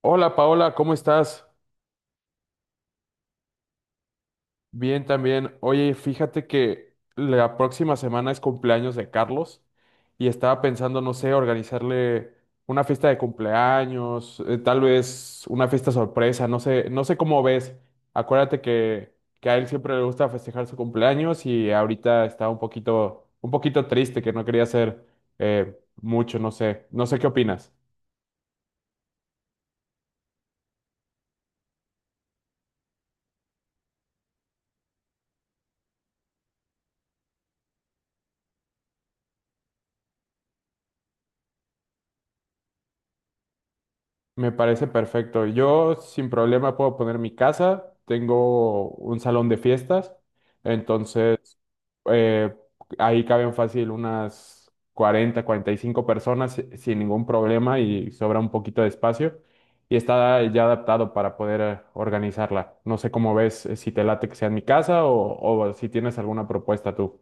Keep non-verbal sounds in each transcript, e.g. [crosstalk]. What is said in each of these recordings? Hola Paola, ¿cómo estás? Bien también. Oye, fíjate que la próxima semana es cumpleaños de Carlos y estaba pensando, no sé, organizarle una fiesta de cumpleaños, tal vez una fiesta sorpresa, no sé, no sé cómo ves. Acuérdate que a él siempre le gusta festejar su cumpleaños y ahorita está un poquito triste que no quería hacer mucho, no sé, no sé qué opinas. Me parece perfecto. Yo sin problema puedo poner mi casa. Tengo un salón de fiestas. Entonces, eh, ahí caben fácil unas 40 45 personas sin ningún problema y sobra un poquito de espacio. Y está ya adaptado para poder organizarla. No sé cómo ves, si te late que sea en mi casa o si tienes alguna propuesta tú.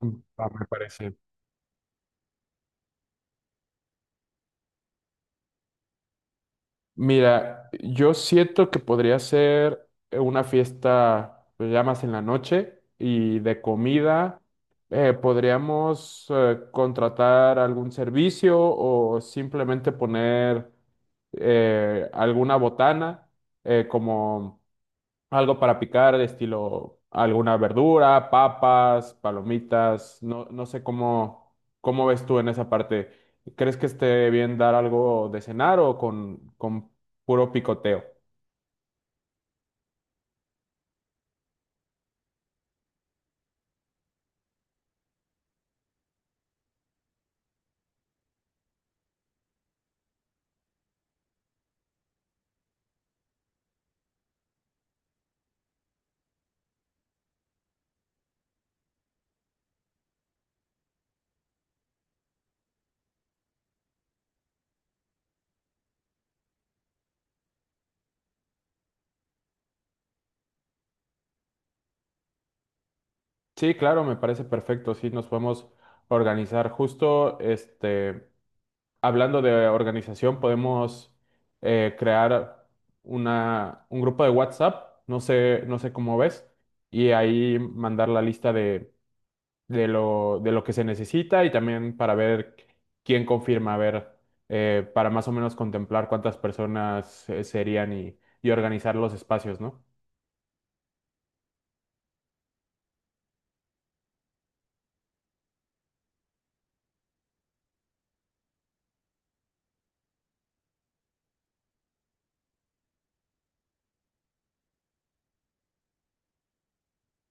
Mm, ah, me parece. Mira, yo siento que podría ser una fiesta pues, ya más en la noche y de comida. Podríamos contratar algún servicio o simplemente poner alguna botana como algo para picar, estilo alguna verdura, papas, palomitas, no, no sé cómo, ves tú en esa parte. ¿Crees que esté bien dar algo de cenar o con puro picoteo? Sí, claro, me parece perfecto. Sí, nos podemos organizar. Justo, hablando de organización, podemos crear una, un grupo de WhatsApp, no sé, no sé cómo ves, y ahí mandar la lista de lo, de lo que se necesita y también para ver quién confirma, a ver, para más o menos contemplar cuántas personas serían y organizar los espacios, ¿no?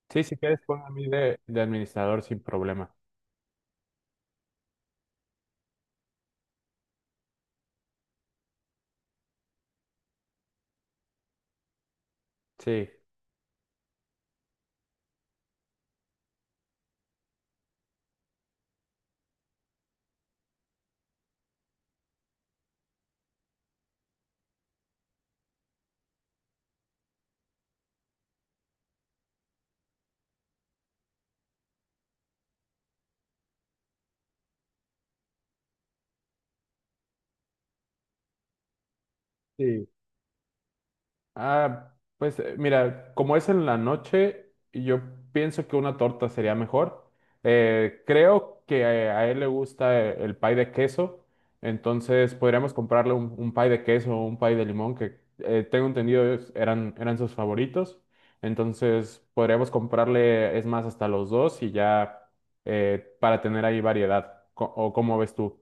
Sí, si quieres, ponme a mí de, administrador sin problema. Sí. Sí. Ah, pues mira, como es en la noche, yo pienso que una torta sería mejor. Creo que a, él le gusta el pie de queso, entonces podríamos comprarle un pie de queso o un pie de limón, que tengo entendido eran sus favoritos. Entonces podríamos comprarle, es más, hasta los dos y ya para tener ahí variedad. ¿O cómo ves tú?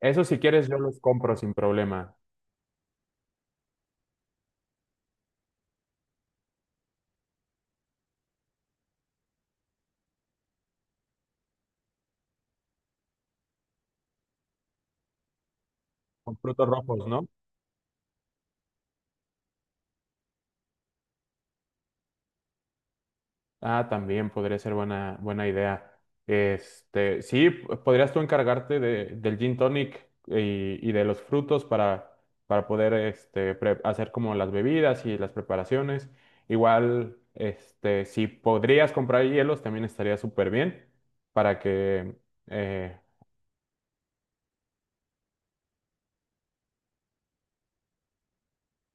Eso si quieres yo los compro sin problema, con frutos rojos, ¿no? Ah, también podría ser buena, buena idea. Sí, podrías tú encargarte de, del gin tonic y, de los frutos para poder hacer como las bebidas y las preparaciones. Igual, si podrías comprar hielos, también estaría súper bien para que. eh,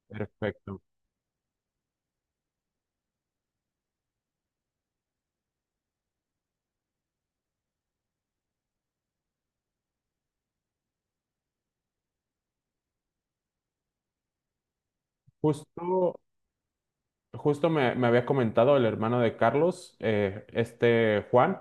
Perfecto. Justo Justo me, había comentado el hermano de Carlos, este Juan,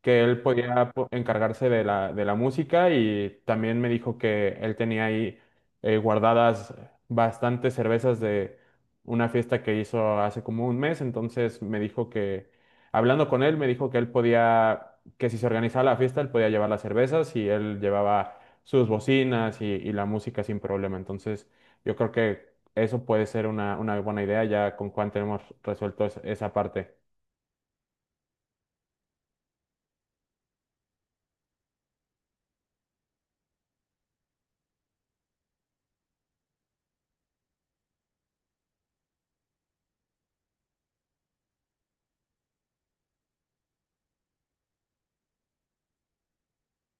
que él podía encargarse de la música y también me dijo que él tenía ahí guardadas bastantes cervezas de una fiesta que hizo hace como un mes. Entonces me dijo que, hablando con él, me dijo que él podía, que si se organizaba la fiesta, él podía llevar las cervezas y él llevaba sus bocinas y, la música sin problema. Entonces yo creo que eso puede ser una buena idea, ya con Juan tenemos resuelto esa parte.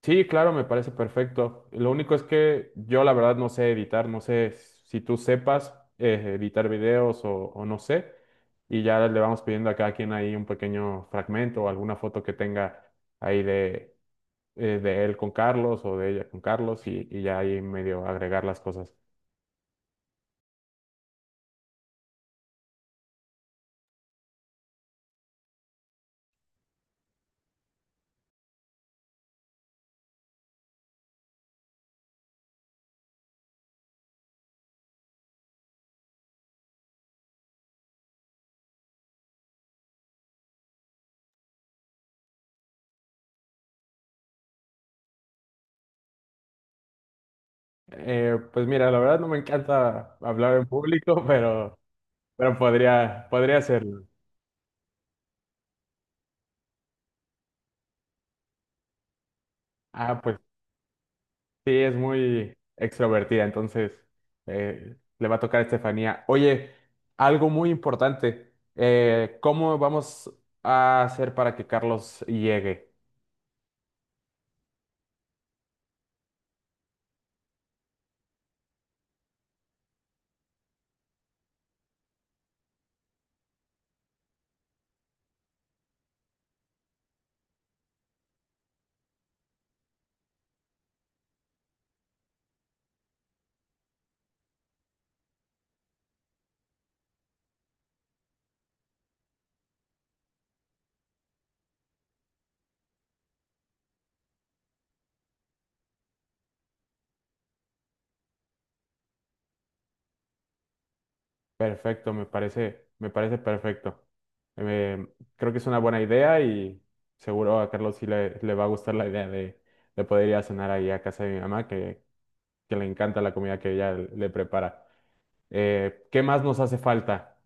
Sí, claro, me parece perfecto. Lo único es que yo la verdad no sé editar, no sé si tú sepas editar videos o, no sé. Y ya le vamos pidiendo a cada quien ahí un pequeño fragmento o alguna foto que tenga ahí de, él con Carlos o de ella con Carlos y ya ahí medio agregar las cosas. Pues mira, la verdad no me encanta hablar en público, [laughs] pero, podría hacerlo. Ah, pues. Sí, es muy extrovertida, entonces le va a tocar a Estefanía. Oye, algo muy importante, ¿cómo vamos a hacer para que Carlos llegue? Perfecto, me parece perfecto. Eh, Creo que es una buena idea y seguro a Carlos sí le, va a gustar la idea de poder ir a cenar ahí a casa de mi mamá, que le encanta la comida que ella le prepara. ¿Qué más nos hace falta?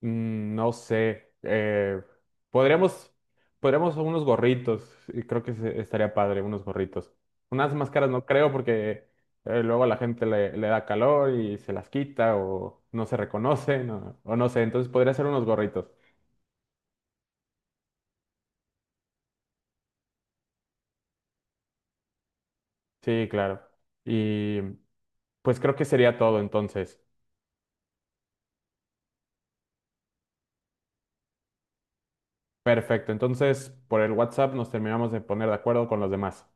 Mm, no sé. Podríamos, podríamos unos gorritos. Y creo que estaría padre, unos gorritos. Unas máscaras no creo porque luego a la gente le, da calor y se las quita o no se reconocen o no sé. Entonces podría ser unos gorritos. Sí, claro. Y pues creo que sería todo entonces. Perfecto. Entonces por el WhatsApp nos terminamos de poner de acuerdo con los demás.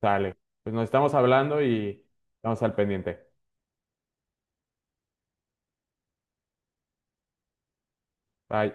Sale. Pues nos estamos hablando y estamos al pendiente. Bye.